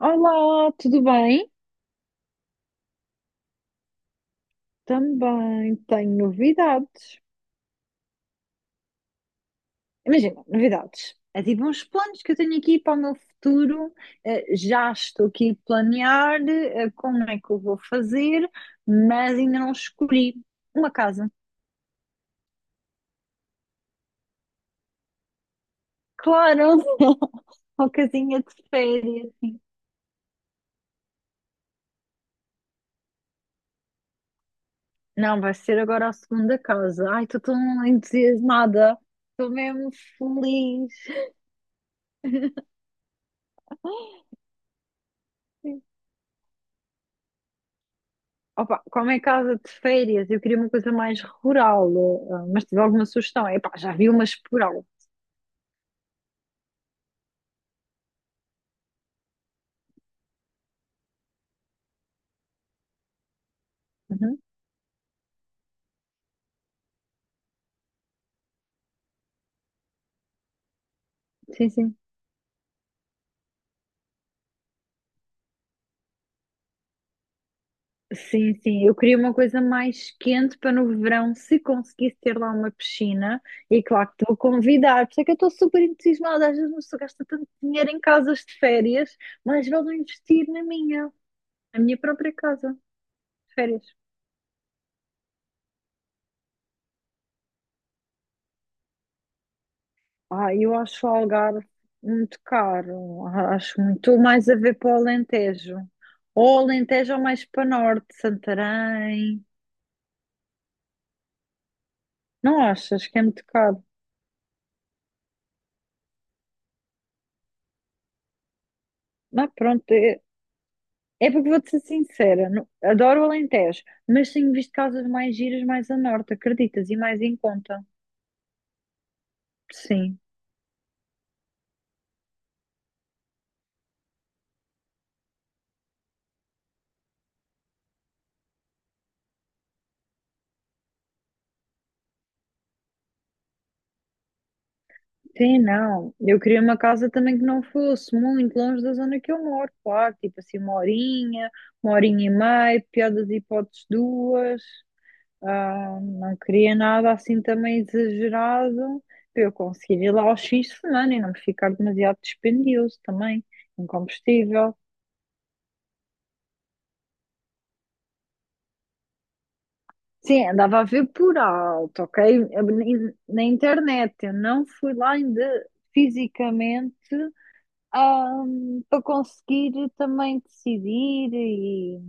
Olá, tudo bem? Também tenho novidades. Imagina, novidades. É tipo uns planos que eu tenho aqui para o meu futuro. Já estou aqui a planear, como é que eu vou fazer, mas ainda não escolhi uma casa. Claro, uma casinha de férias. Não, vai ser agora a segunda casa. Ai, estou tão entusiasmada. Estou mesmo feliz. Opa, como é casa de férias, eu queria uma coisa mais rural, mas tive alguma sugestão. Epá, já vi umas por alto. Uhum. Sim, sim. Sim, sim, eu queria uma coisa mais quente para no verão, se conseguisse ter lá uma piscina, e claro que estou a convidar, por isso é que eu estou super entusiasmada, às vezes uma pessoa gasta tanto dinheiro em casas de férias, mas vale não investir na minha própria casa de férias. Ah, eu acho o Algarve muito caro. Acho muito mais a ver para o Alentejo. Ou Alentejo ou mais para norte, Santarém. Não achas que é muito caro? Mas pronto, é, é porque vou-te ser sincera. Não- adoro o Alentejo, mas tenho visto casas mais giras mais a norte, acreditas? E mais em conta. Sim. Sim, não. Eu queria uma casa também que não fosse muito longe da zona que eu moro, claro. Tipo assim, uma horinha e meia, pior das hipóteses, duas. Ah, não queria nada assim também exagerado para eu conseguir ir lá aos fins de semana e não me ficar demasiado dispendioso também, em combustível. Sim, andava a ver por alto, ok? Eu nem- na internet, eu não fui lá ainda fisicamente, ah, para conseguir também decidir e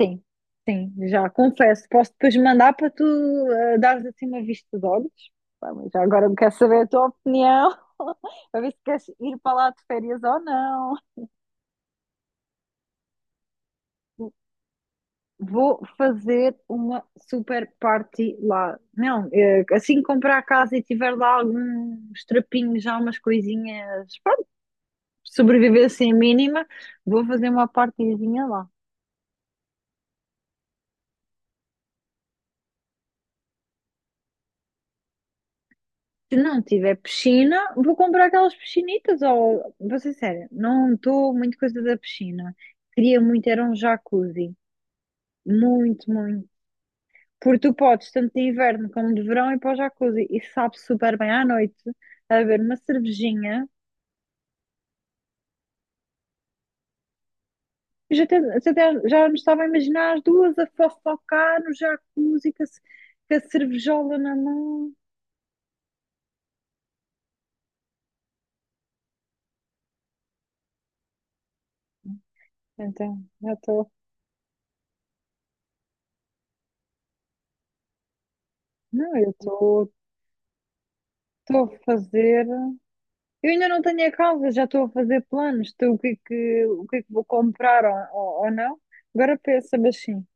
sim, sim, já confesso. Posso depois mandar para tu dares assim uma vista de olhos? Pá, mas já agora me quero saber a tua opinião, para ver se queres ir para lá de férias ou não. Vou fazer uma super party lá. Não, assim que comprar a casa e tiver lá alguns trapinhos, já umas coisinhas, pronto, sobreviver assim a mínima, vou fazer uma partyzinha lá. Se não tiver piscina, vou comprar aquelas piscinitas. Ou, vou ser séria, não estou muito coisa da piscina. Queria muito, era um jacuzzi. Muito, muito. Porque tu podes, tanto de inverno como de verão, ir para o jacuzzi. E sabe super bem à noite, a beber uma cervejinha. Eu já, até, já até- já me estava a imaginar as duas a fofocar no jacuzzi com a, ce- com a cervejola na mão. Então, já estou. Não, eu estou a fazer. Eu ainda não tenho a casa, já estou a fazer planos de o que é que, o que é que vou comprar ou não. Agora pensa, mas sim,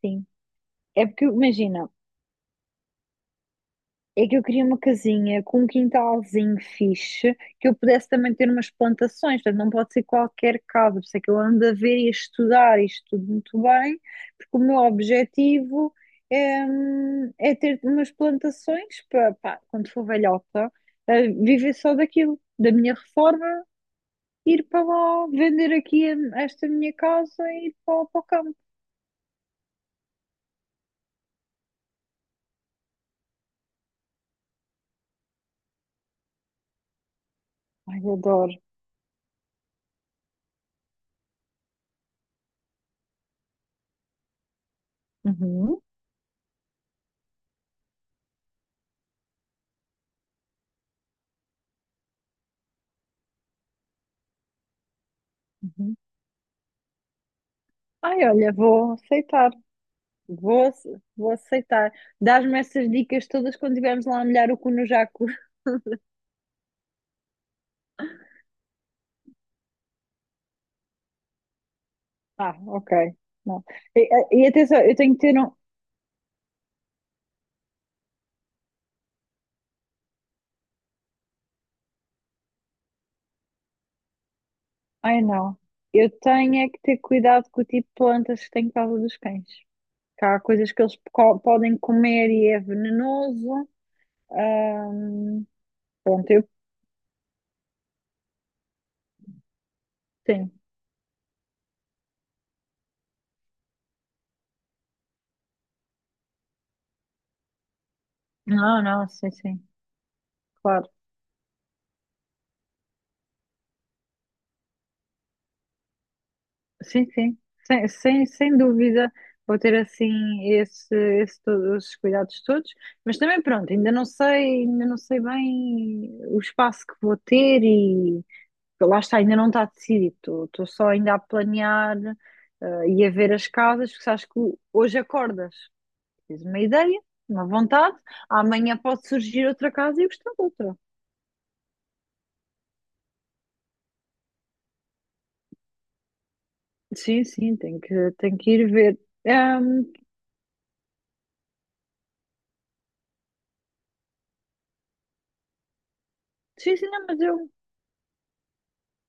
sim. É porque, imagina, é que eu queria uma casinha com um quintalzinho fixe, que eu pudesse também ter umas plantações, portanto não pode ser qualquer casa, por isso é que eu ando a ver e a estudar isto tudo muito bem, porque o meu objetivo é, é ter umas plantações para, pá, quando for velhota, viver só daquilo, da minha reforma ir para lá, vender aqui a- esta minha casa e ir para, para o campo. Ai, adoro. Uhum, uhum. Ai, olha, vou aceitar. Vou, ace- vou aceitar. Dás-me essas dicas todas quando estivermos lá a molhar o cu no jaco. Ah, ok. Não. E, e- atenção, eu tenho que ter um. Ai, não. Eu tenho é que ter cuidado com o tipo de plantas que tem em casa dos cães. Que há coisas que eles co- podem comer e é venenoso. Ah, pronto, eu. Sim. Não, não, sim, sim. Claro. Sim, sim, sem, sem, sem dúvida vou ter assim esse, esse, todos, esses cuidados todos, mas também pronto, ainda não sei bem o espaço que vou ter e lá está, ainda não está decidido, estou só ainda a planear e a ver as casas, porque sabes que hoje acordas, tens uma ideia, uma vontade, amanhã pode surgir outra casa e eu gostar de outra. Sim, sim, tenho que ir ver. Ahm, sim, sim, não, mas eu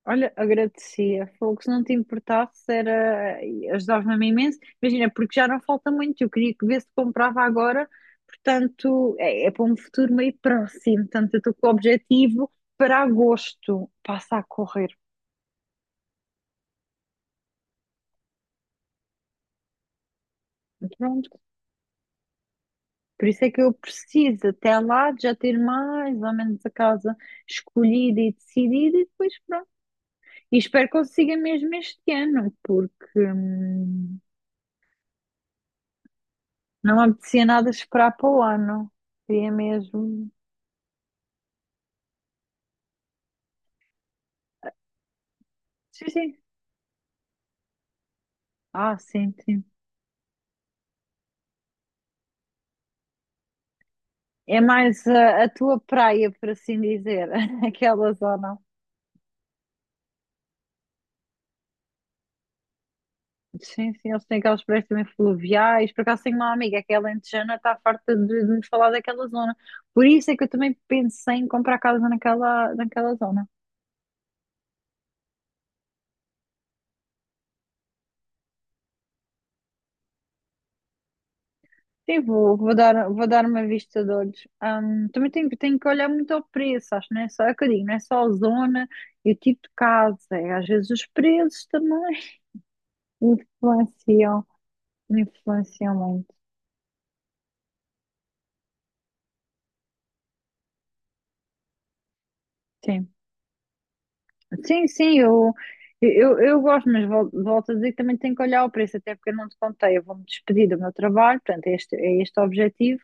olha, agradecia. Falou que se não te importasse, era... ajudava-me imenso. Imagina, porque já não falta muito. Eu queria que vê-se comprava agora, portanto, é, é para um futuro meio próximo. Portanto, eu estou com o objetivo para agosto. Passa a correr. Pronto. Por isso é que eu preciso, até lá, de já ter mais ou menos a casa escolhida e decidida, e depois pronto. E espero que consiga mesmo este ano, porque não me apetecia nada esperar para o ano. Queria mesmo. Sim, sim. Ah, sim, sim. É mais a, tua praia, por assim dizer, aquela zona. Sim, sim, eles têm aquelas praias também fluviais. Por acaso tenho uma amiga que é alentejana, está farta de me falar daquela zona. Por isso é que eu também pensei em comprar casa naquela, naquela zona. Sim, vou, vou dar uma vista de olhos. Também tenho, tenho que olhar muito ao preço, acho, não é só, é o que eu digo, não é só a zona e o tipo de casa, é, às vezes os preços também influenciam, influenciam muito. Sim. Sim, sim, eu gosto, mas vol- volto, a dizer que também tenho que olhar o preço, até porque eu não te contei, eu vou-me despedir do meu trabalho, portanto, é este o objetivo,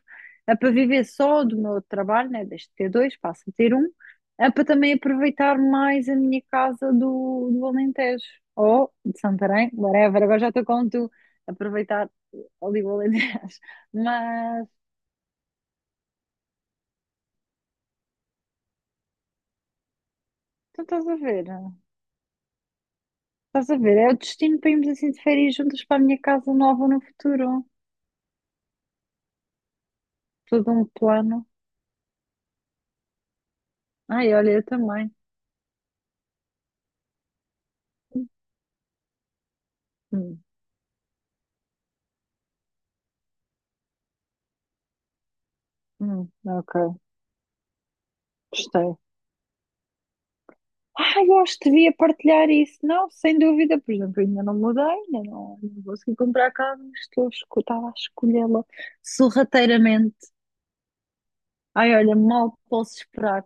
é para viver só do meu trabalho, né, deixo de ter dois, passo a ter um, é para também aproveitar mais a minha casa do, do Alentejo, ou de Santarém, whatever, agora já estou com tu, aproveitar ali o Alentejo, mas... Tu estás a ver, é o destino para irmos assim de férias juntas para a minha casa nova no futuro. Todo um plano. Ai, olha, eu também. Hum, ok, gostei. Ah, eu acho que devia partilhar isso. Não, sem dúvida. Por exemplo, eu ainda não mudei, ainda não, não consegui comprar casa, mas estou a esco- estava a escolhê-la sorrateiramente. Ai, olha, mal posso esperar.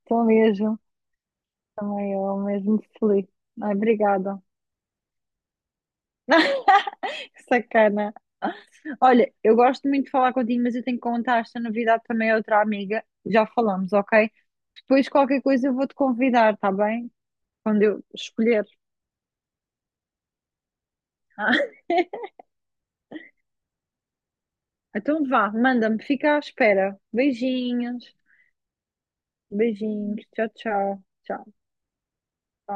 Estou mesmo, também eu mesmo feliz. Ai, obrigada. Sacana. Olha, eu gosto muito de falar contigo, mas eu tenho que contar esta novidade também a outra amiga. Já falamos, ok? Depois qualquer coisa eu vou-te convidar, tá bem? Quando eu escolher. Ah, então vá, manda-me, fica à espera. Beijinhos, beijinhos, tchau, tchau, tchau.